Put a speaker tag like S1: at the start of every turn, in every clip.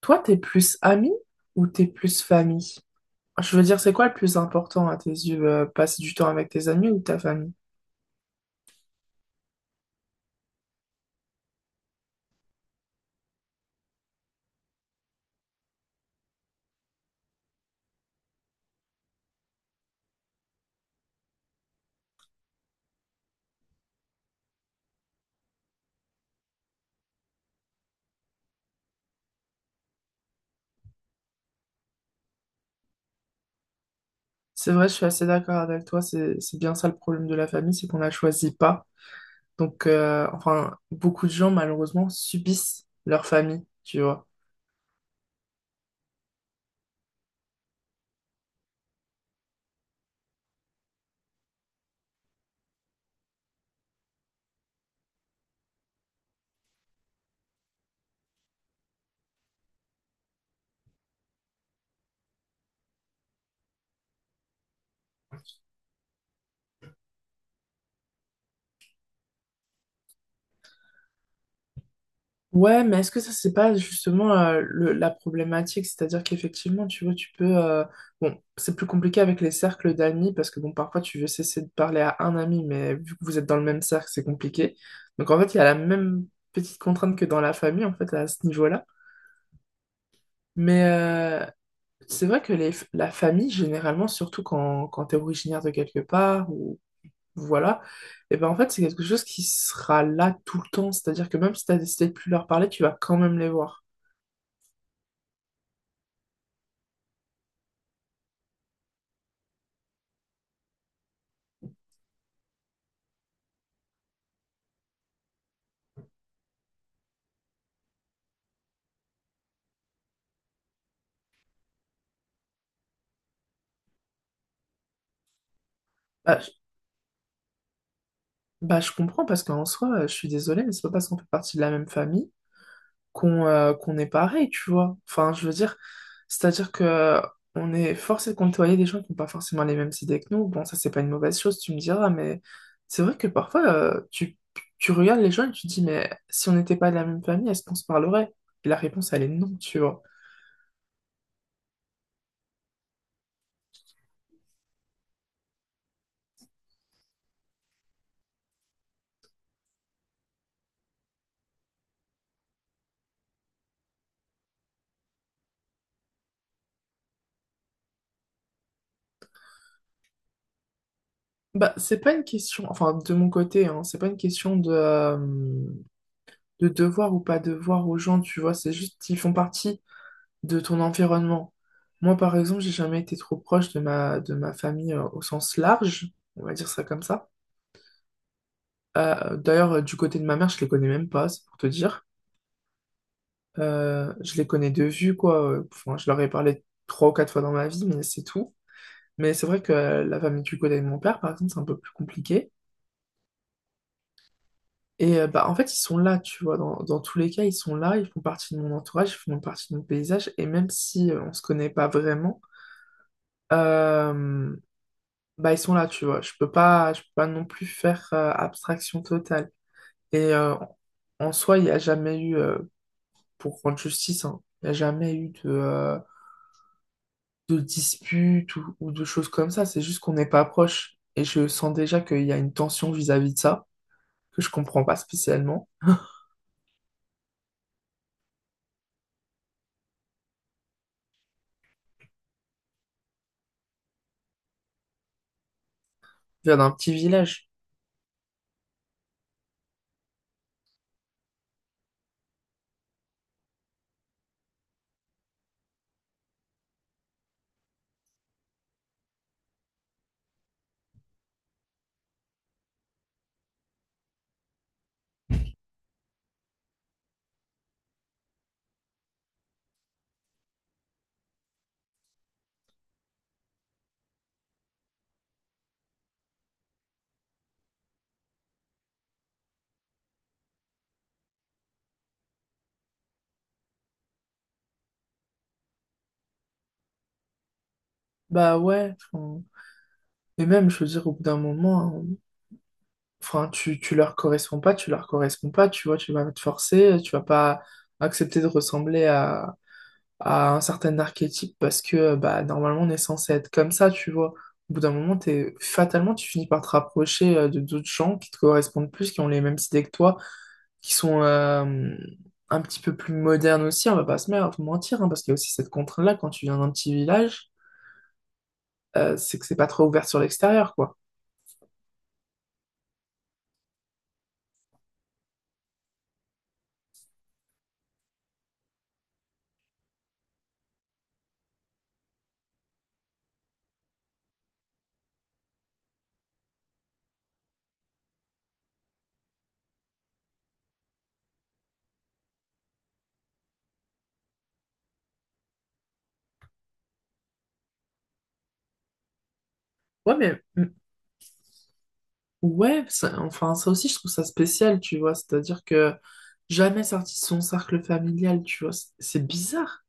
S1: Toi, t'es plus ami ou t'es plus famille? Je veux dire, c'est quoi le plus important à tes yeux, passer du temps avec tes amis ou ta famille? C'est vrai, je suis assez d'accord avec toi, c'est bien ça le problème de la famille, c'est qu'on la choisit pas. Donc, beaucoup de gens, malheureusement, subissent leur famille, tu vois. Ouais, mais est-ce que ça, c'est pas justement la problématique? C'est-à-dire qu'effectivement, tu vois, bon, c'est plus compliqué avec les cercles d'amis parce que, bon, parfois, tu veux cesser de parler à un ami, mais vu que vous êtes dans le même cercle, c'est compliqué. Donc, en fait, il y a la même petite contrainte que dans la famille, en fait, à ce niveau-là. Mais c'est vrai que la famille, généralement, surtout quand tu es originaire de quelque part, ou voilà, et ben en fait, c'est quelque chose qui sera là tout le temps. C'est-à-dire que même si tu as décidé de plus leur parler, tu vas quand même les voir. Bah, Bah, je comprends parce qu'en soi, je suis désolée, mais c'est pas parce qu'on fait partie de la même famille qu'on est pareil, tu vois. Enfin, je veux dire, c'est-à-dire que on est forcé de côtoyer des gens qui n'ont pas forcément les mêmes idées que nous. Bon, ça, c'est pas une mauvaise chose, tu me diras, mais c'est vrai que parfois, tu regardes les gens et tu te dis, mais si on n'était pas de la même famille, est-ce qu'on se parlerait? Et la réponse, elle est non, tu vois. Bah, c'est pas une question, enfin, de mon côté, hein, c'est pas une question de devoir ou pas devoir aux gens, tu vois, c'est juste qu'ils font partie de ton environnement. Moi, par exemple, j'ai jamais été trop proche de de ma famille au sens large, on va dire ça comme ça. Du côté de ma mère, je les connais même pas, c'est pour te dire. Je les connais de vue, quoi. Je leur ai parlé trois ou quatre fois dans ma vie, mais c'est tout. Mais c'est vrai que la famille du côté de mon père, par exemple, c'est un peu plus compliqué. Et bah, en fait, ils sont là, tu vois. Dans tous les cas, ils sont là, ils font partie de mon entourage, ils font partie de mon paysage. Et même si on se connaît pas vraiment, euh, bah, ils sont là, tu vois. Je peux pas non plus faire abstraction totale. Et en soi, il n'y a jamais eu, pour rendre justice, hein, il n'y a jamais eu de dispute ou de choses comme ça. C'est juste qu'on n'est pas proche. Et je sens déjà qu'il y a une tension vis-à-vis de ça, que je comprends pas spécialement. Je viens d'un petit village. Bah ouais. Enfin, et même, je veux dire, au bout d'un moment, hein, enfin, tu leur corresponds pas, tu vois, tu vas te forcer, tu vas pas accepter de ressembler à un certain archétype parce que bah, normalement on est censé être comme ça, tu vois. Au bout d'un moment, t'es, fatalement, tu finis par te rapprocher de d'autres gens qui te correspondent plus, qui ont les mêmes idées que toi, qui sont un petit peu plus modernes aussi, on va pas se mentir, hein, parce qu'il y a aussi cette contrainte-là quand tu viens d'un petit village, c'est que c'est pas trop ouvert sur l'extérieur, quoi. Ouais, mais mm, ouais, enfin ça aussi je trouve ça spécial, tu vois, c'est-à-dire que jamais sorti de son cercle familial, tu vois, c'est bizarre.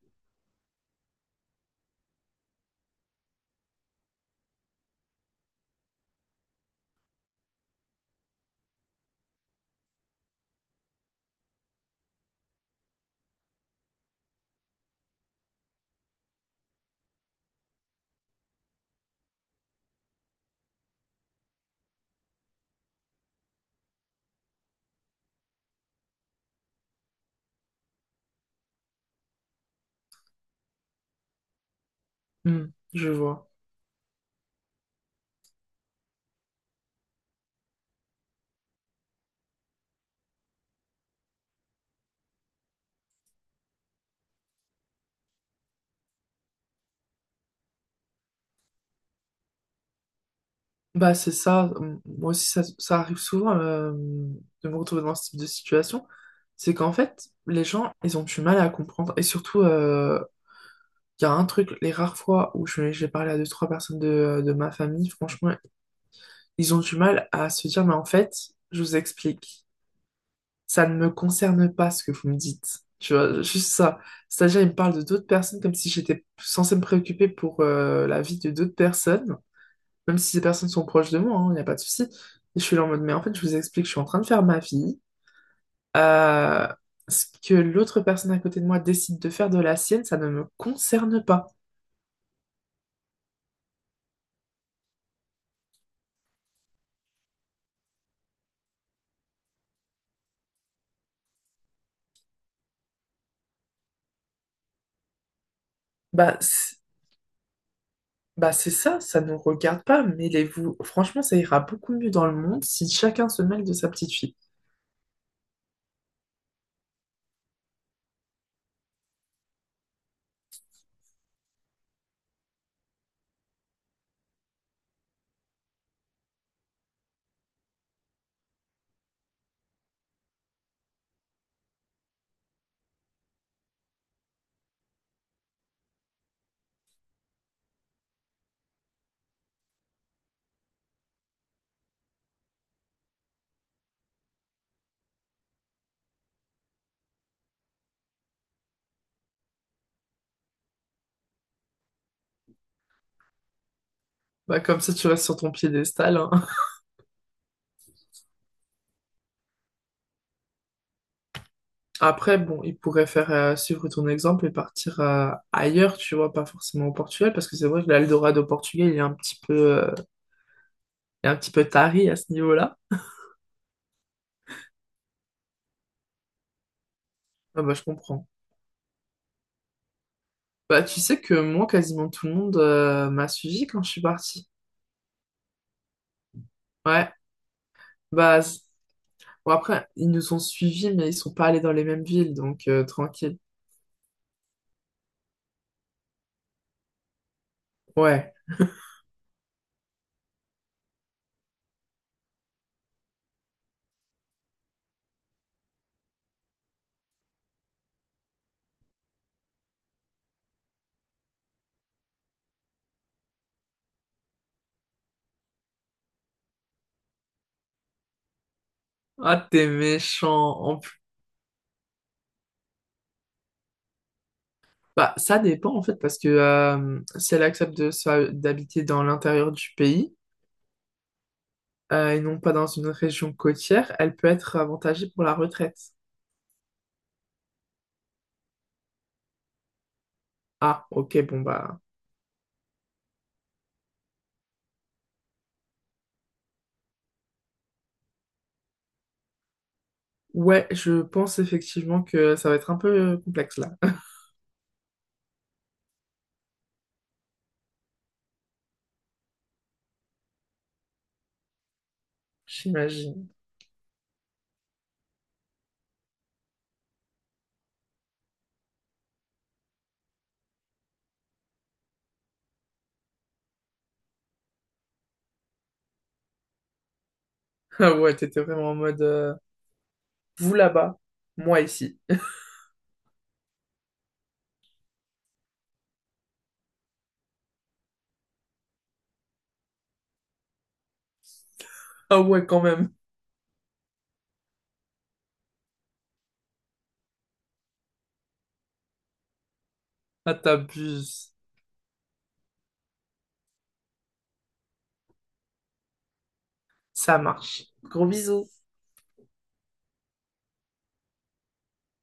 S1: Hmm, je vois. Bah, c'est ça. Moi aussi, ça arrive souvent de me retrouver dans ce type de situation. C'est qu'en fait, les gens, ils ont du mal à comprendre. Et surtout, il y a un truc, les rares fois où j'ai parlé à deux, trois personnes de ma famille, franchement, ils ont du mal à se dire, mais en fait, je vous explique, ça ne me concerne pas ce que vous me dites. Tu vois, juste ça. C'est-à-dire, ils me parlent de d'autres personnes comme si j'étais censée me préoccuper pour la vie de d'autres personnes même si ces personnes sont proches de moi, il n'y a pas de souci. Et je suis là en mode, mais en fait, je vous explique, je suis en train de faire ma vie. Euh, Ce que l'autre personne à côté de moi décide de faire de la sienne, ça ne me concerne pas. Bah, c'est- bah c'est ça, ça ne nous regarde pas, mêlez-vous. Franchement, ça ira beaucoup mieux dans le monde si chacun se mêle de sa petite fille. Bah, comme ça, tu restes sur ton piédestal, hein. Après, bon, il pourrait faire suivre ton exemple et partir ailleurs, tu vois, pas forcément au Portugal, parce que c'est vrai que l'Eldorado au Portugal, il est un petit peu euh, est un petit peu taré à ce niveau-là. Ah bah, je comprends. Bah, tu sais que moi, quasiment tout le monde m'a suivi quand je suis partie. Ouais, bah, c- bon, après, ils nous ont suivis, mais ils sont pas allés dans les mêmes villes, donc tranquille. Ouais. Ah, t'es méchant. En plus- Bah, ça dépend, en fait, parce que si elle accepte de d'habiter dans l'intérieur du pays, et non pas dans une région côtière, elle peut être avantagée pour la retraite. Ah, ok, bon, bah. Ouais, je pense effectivement que ça va être un peu complexe là. J'imagine. Ah ouais, t'étais vraiment en mode vous là-bas, moi ici. Ah ouais, quand même. Ah, t'abuses. Ça marche. Gros bisous.